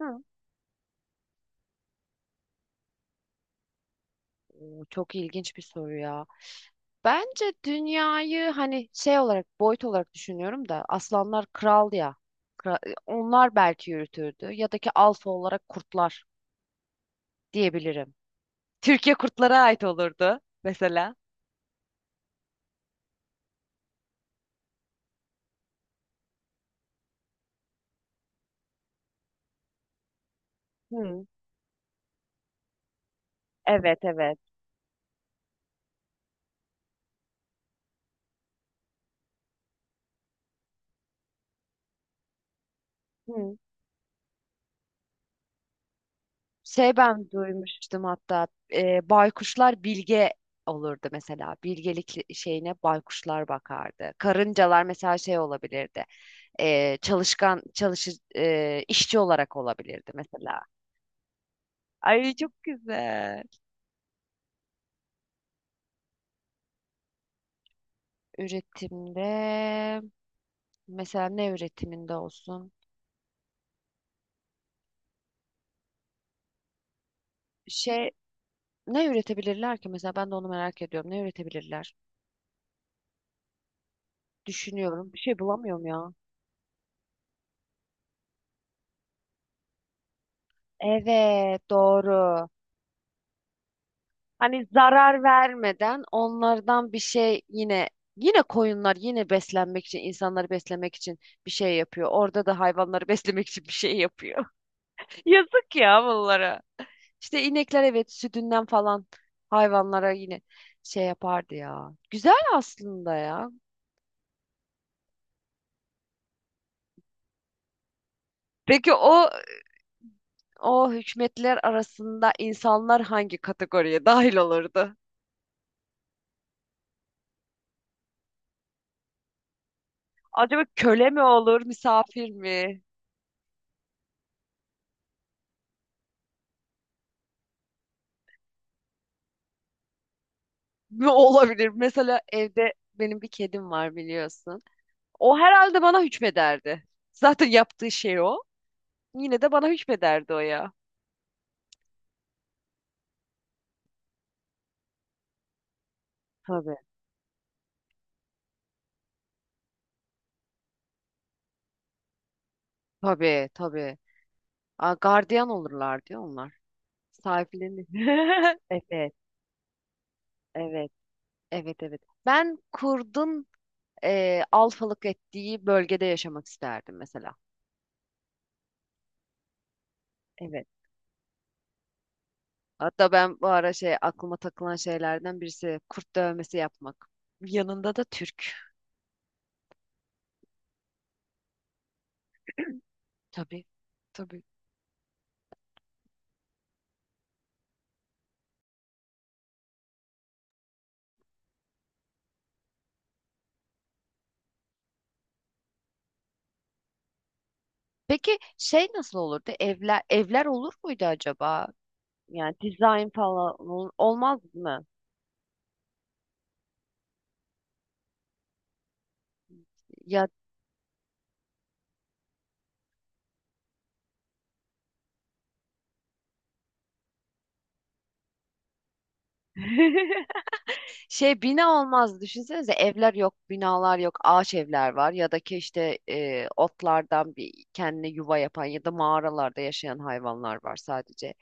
Hı. Çok ilginç bir soru ya. Bence dünyayı hani şey olarak boyut olarak düşünüyorum da aslanlar kral ya. Onlar belki yürütürdü ya da ki alfa olarak kurtlar diyebilirim. Türkiye kurtlara ait olurdu mesela. Hı. Evet, evet. Hı. Şey, ben duymuştum hatta baykuşlar bilge olurdu mesela. Bilgelik şeyine baykuşlar bakardı. Karıncalar mesela şey olabilirdi. e, çalışkan çalışı işçi olarak olabilirdi mesela. Ay, çok güzel. Üretimde mesela ne üretiminde olsun? Şey, ne üretebilirler ki mesela, ben de onu merak ediyorum. Ne üretebilirler? Düşünüyorum. Bir şey bulamıyorum ya. Evet, doğru. Hani zarar vermeden onlardan bir şey yine, yine koyunlar yine beslenmek için, insanları beslemek için bir şey yapıyor. Orada da hayvanları beslemek için bir şey yapıyor. Yazık ya bunlara. İşte inekler, evet, sütünden falan hayvanlara yine şey yapardı ya. Güzel aslında ya. Peki o, o hükümetler arasında insanlar hangi kategoriye dahil olurdu? Acaba köle mi olur, misafir mi? Ne olabilir? Mesela evde benim bir kedim var biliyorsun. O herhalde bana hükmederdi. Zaten yaptığı şey o. Yine de bana hükmederdi o ya. Tabii. Tabii, tabii. Aa, gardiyan olurlar diyor onlar. Sahiplenir. Evet. Evet, evet, evet. Ben kurdun alfalık ettiği bölgede yaşamak isterdim mesela. Evet. Hatta ben bu ara şey, aklıma takılan şeylerden birisi kurt dövmesi yapmak. Yanında da Türk. Tabii. Tabii. Peki şey nasıl olurdu? Evler, evler olur muydu acaba? Yani dizayn falan olmaz mı? Ya şey, bina olmaz, düşünsenize, evler yok, binalar yok, ağaç evler var ya da ki işte otlardan bir kendine yuva yapan ya da mağaralarda yaşayan hayvanlar var sadece.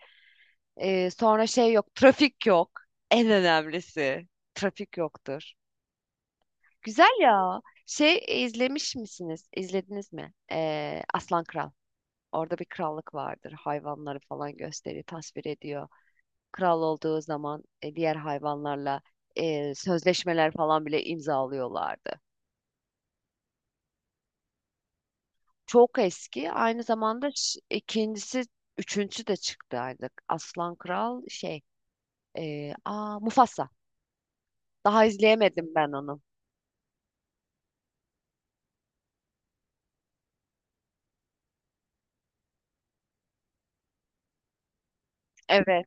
Sonra şey yok, trafik yok. En önemlisi trafik yoktur. Güzel ya. Şey, izlemiş misiniz? İzlediniz mi? E, Aslan Kral. Orada bir krallık vardır. Hayvanları falan gösteriyor, tasvir ediyor, kral olduğu zaman diğer hayvanlarla sözleşmeler falan bile imzalıyorlardı. Çok eski. Aynı zamanda ikincisi, üçüncüsü de çıktı artık. Aslan Kral şey, aa, Mufasa. Daha izleyemedim ben onu. Evet.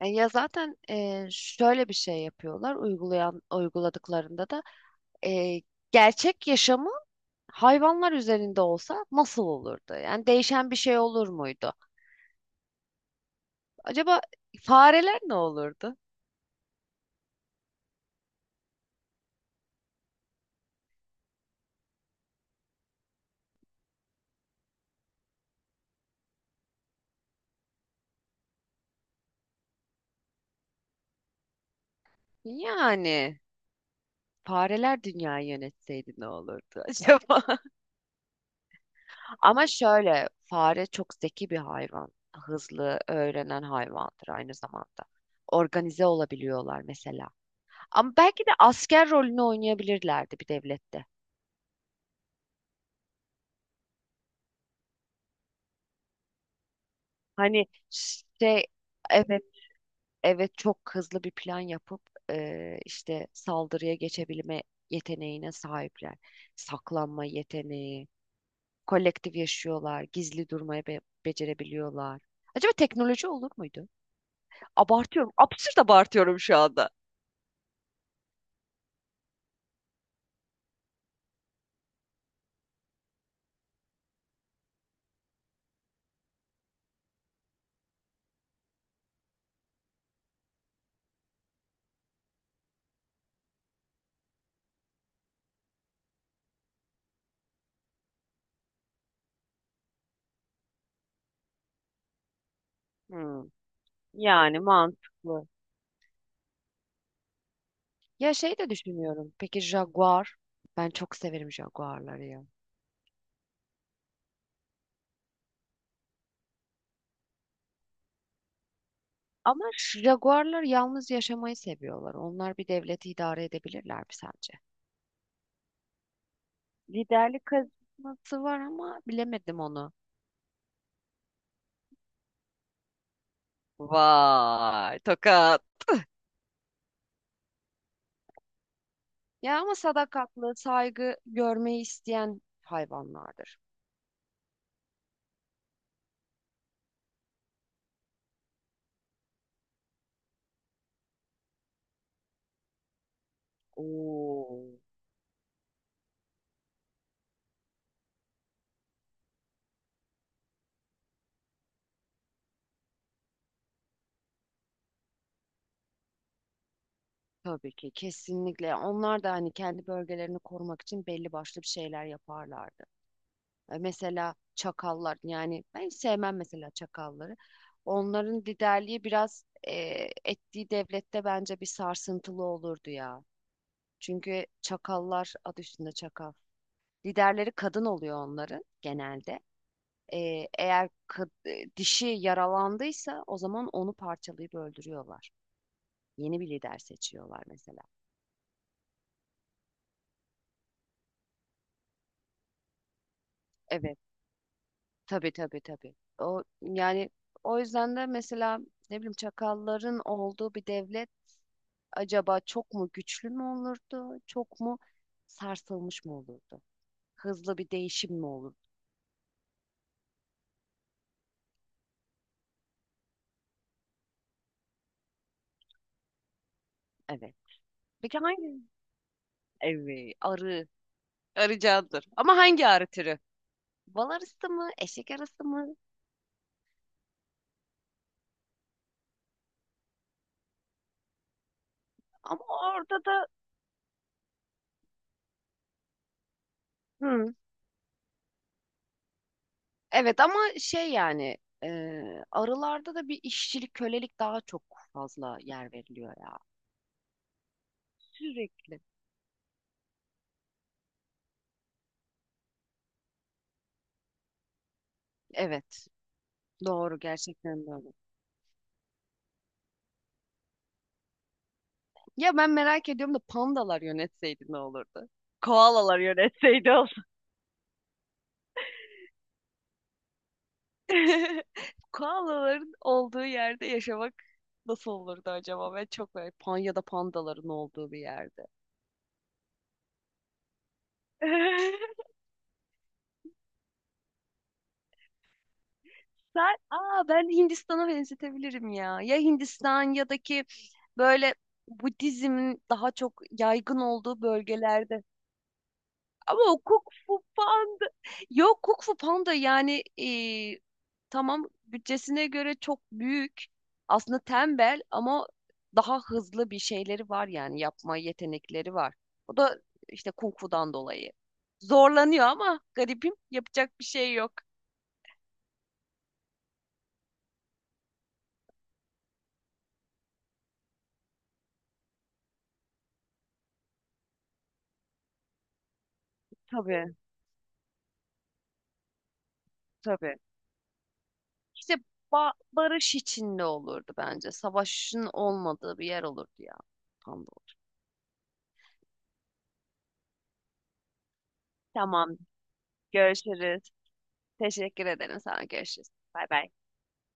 Ya zaten şöyle bir şey yapıyorlar, uygulayan uyguladıklarında da e, gerçek yaşamı hayvanlar üzerinde olsa nasıl olurdu? Yani değişen bir şey olur muydu? Acaba fareler ne olurdu? Yani fareler dünyayı yönetseydi ne olurdu acaba? Ama şöyle, fare çok zeki bir hayvan. Hızlı öğrenen hayvandır aynı zamanda. Organize olabiliyorlar mesela. Ama belki de asker rolünü oynayabilirlerdi bir devlette. Hani şey, evet, evet, çok hızlı bir plan yapıp işte saldırıya geçebilme yeteneğine sahipler. Saklanma yeteneği, kolektif yaşıyorlar, gizli durmayı becerebiliyorlar. Acaba teknoloji olur muydu? Abartıyorum, absürt abartıyorum şu anda. Hmm, yani mantıklı. Ya şey de düşünüyorum. Peki Jaguar? Ben çok severim Jaguar'ları ya. Ama Jaguar'lar yalnız yaşamayı seviyorlar. Onlar bir devleti idare edebilirler mi sence? Liderlik karizması var ama bilemedim onu. Vay, tokat. Ya ama sadakatli, saygı görmeyi isteyen hayvanlardır. Oo, tabii ki, kesinlikle. Onlar da hani kendi bölgelerini korumak için belli başlı bir şeyler yaparlardı. E, mesela çakallar, yani ben hiç sevmem mesela çakalları. Onların liderliği biraz ettiği devlette bence bir sarsıntılı olurdu ya. Çünkü çakallar adı üstünde çakal. Liderleri kadın oluyor onların genelde. Eğer dişi yaralandıysa o zaman onu parçalayıp öldürüyorlar. Yeni bir lider seçiyorlar mesela. Evet. Tabii, tabii, tabii. O yani, o yüzden de mesela ne bileyim çakalların olduğu bir devlet acaba çok mu güçlü mü olurdu? Çok mu sarsılmış mı olurdu? Hızlı bir değişim mi olurdu? Evet. Peki hangi? Evet, arı. Arı candır. Ama hangi arı türü? Bal arısı mı? Eşek arısı mı? Ama orada da Hı. Evet, ama şey, yani e, arılarda da bir işçilik, kölelik daha çok fazla yer veriliyor ya. Sürekli. Evet. Doğru, gerçekten doğru. Ya ben merak ediyorum da pandalar yönetseydi ne olurdu? Koalalar yönetseydi olsun. Koalaların olduğu yerde yaşamak nasıl olurdu acaba? Ben çok böyle pan ya da pandaların olduğu bir yerde. Sen, aa, ben Hindistan'a benzetebilirim ya. Ya Hindistan ya da ki böyle Budizmin daha çok yaygın olduğu bölgelerde. Ama o Kung Fu Panda. Yok Kung Fu Panda, yani tamam, bütçesine göre çok büyük aslında, tembel ama daha hızlı bir şeyleri var, yani yapma yetenekleri var. O da işte kung fu'dan dolayı. Zorlanıyor ama garibim yapacak bir şey yok. Tabii, tabii. İşte barış içinde olurdu bence. Savaşın olmadığı bir yer olurdu ya. Tam da olur. Tamam, görüşürüz. Teşekkür ederim sana. Görüşürüz. Bay bay.